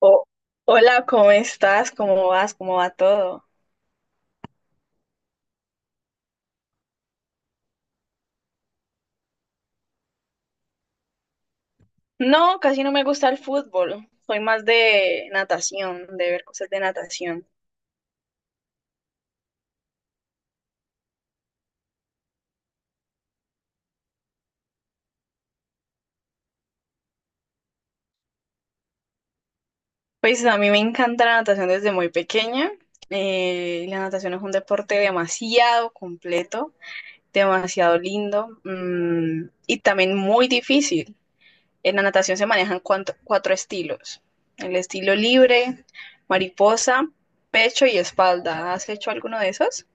Oh, hola, ¿cómo estás? ¿Cómo vas? ¿Cómo va todo? No, casi no me gusta el fútbol. Soy más de natación, de ver cosas de natación. Pues a mí me encanta la natación desde muy pequeña. La natación es un deporte demasiado completo, demasiado lindo, mm, y también muy difícil. En la natación se manejan cuatro estilos. El estilo libre, mariposa, pecho y espalda. ¿Has hecho alguno de esos?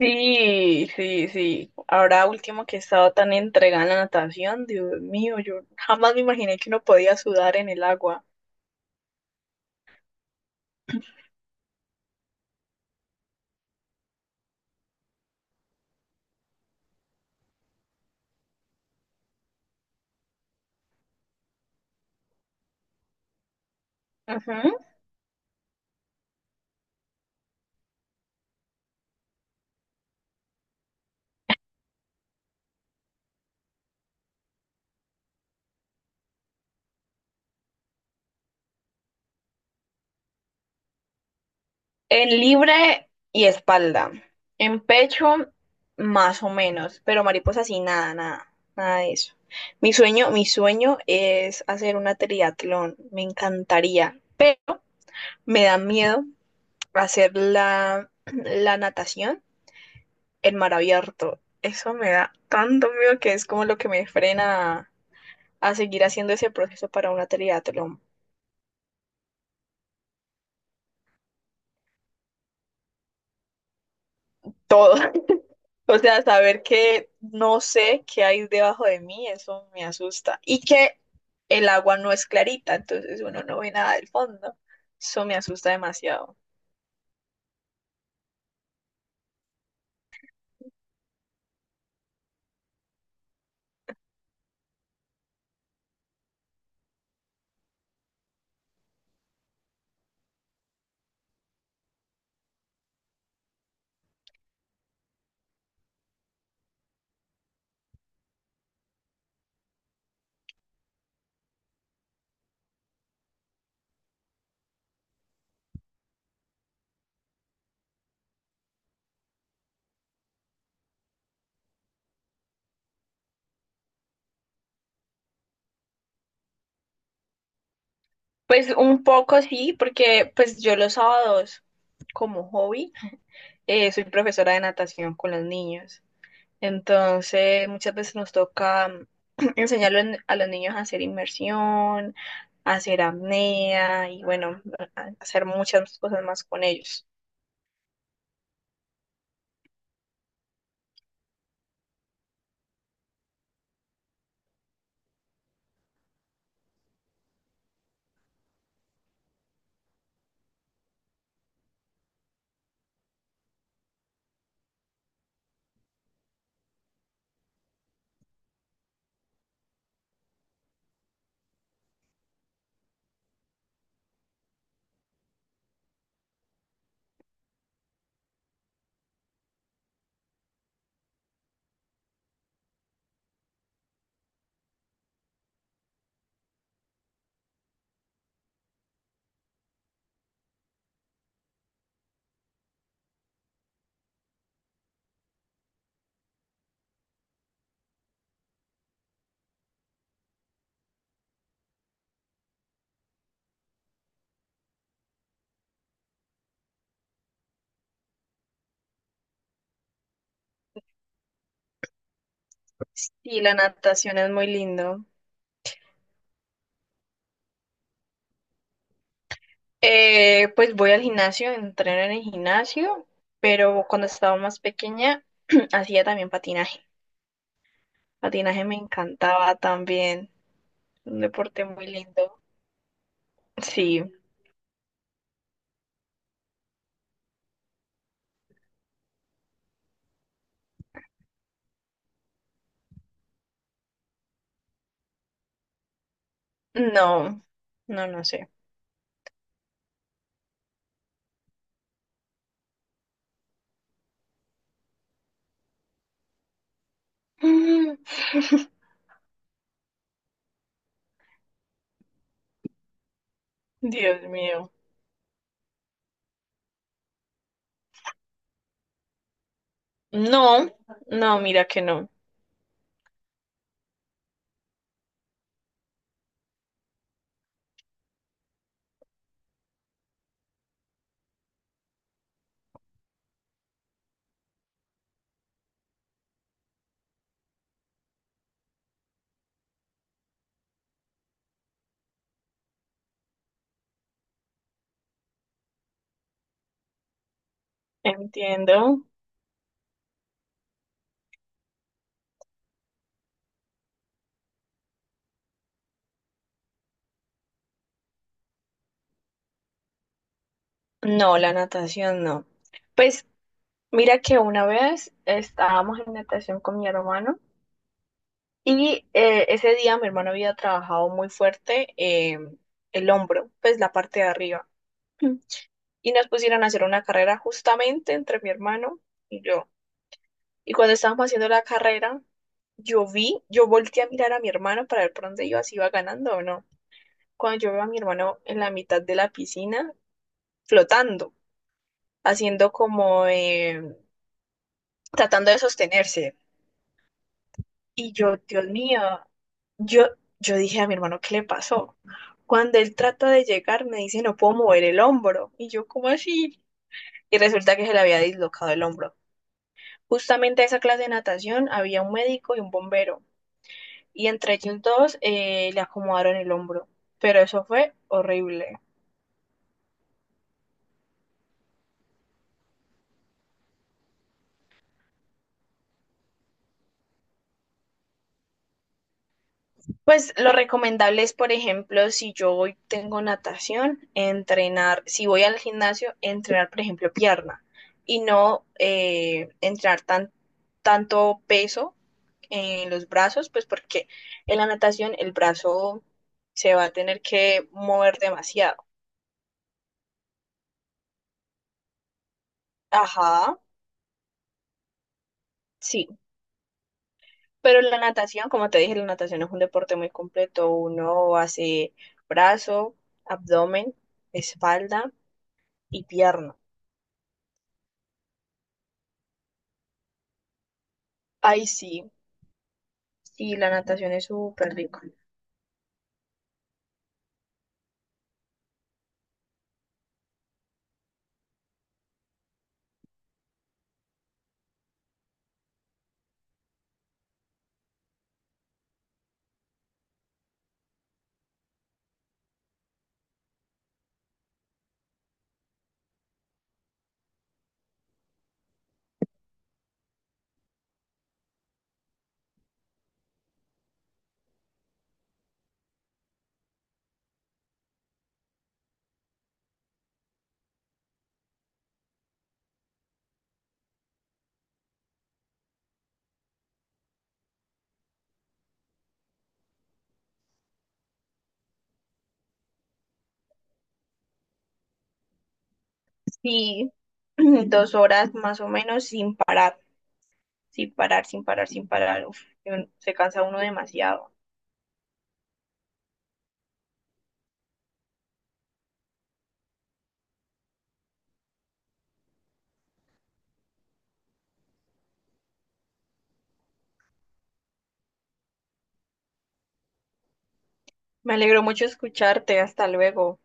Sí, sí, sí. Ahora último que he estado tan entregada en la natación, Dios mío, yo jamás me imaginé que uno podía sudar en el agua. Ujú. En libre y espalda. En pecho, más o menos, pero mariposa sí, nada, nada, nada de eso. Mi sueño es hacer una triatlón, me encantaría, pero me da miedo hacer la natación en mar abierto. Eso me da tanto miedo que es como lo que me frena a seguir haciendo ese proceso para una triatlón. Todo. O sea, saber que no sé qué hay debajo de mí, eso me asusta. Y que el agua no es clarita, entonces uno no ve nada del fondo. Eso me asusta demasiado. Pues un poco sí, porque pues yo los sábados como hobby soy profesora de natación con los niños. Entonces, muchas veces nos toca enseñarle a los niños a hacer inmersión, a hacer apnea y bueno, a hacer muchas cosas más con ellos. Y la natación es muy lindo. Pues voy al gimnasio, entreno en el gimnasio, pero cuando estaba más pequeña hacía también patinaje. Patinaje me encantaba también, un deporte muy lindo. Sí, no, no, no sé. Dios mío. No, no, mira que no. Entiendo. No, la natación no. Pues mira que una vez estábamos en natación con mi hermano y ese día mi hermano había trabajado muy fuerte el hombro, pues la parte de arriba. Y nos pusieron a hacer una carrera justamente entre mi hermano y yo. Y cuando estábamos haciendo la carrera, yo vi, yo volteé a mirar a mi hermano para ver por dónde iba, si iba ganando o no. Cuando yo veo a mi hermano en la mitad de la piscina, flotando, haciendo como tratando de sostenerse. Y yo, Dios mío, yo, yo dije a mi hermano, ¿qué le pasó? Cuando él trata de llegar, me dice, no puedo mover el hombro. Y yo, ¿cómo así? Y resulta que se le había dislocado el hombro. Justamente a esa clase de natación había un médico y un bombero. Y entre ellos dos le acomodaron el hombro. Pero eso fue horrible. Pues lo recomendable es, por ejemplo, si yo hoy tengo natación, entrenar, si voy al gimnasio, entrenar, por ejemplo, pierna y no entrenar tanto peso en los brazos, pues porque en la natación el brazo se va a tener que mover demasiado. Ajá, sí, pero la natación, como te dije, la natación es un deporte muy completo. Uno hace brazo, abdomen, espalda y pierna. Ay, sí. Sí, la natación es súper rico. Sí, 2 horas más o menos sin parar, sin parar, sin parar, sin parar. Uf, y uno se cansa uno demasiado. Me alegró mucho escucharte. Hasta luego.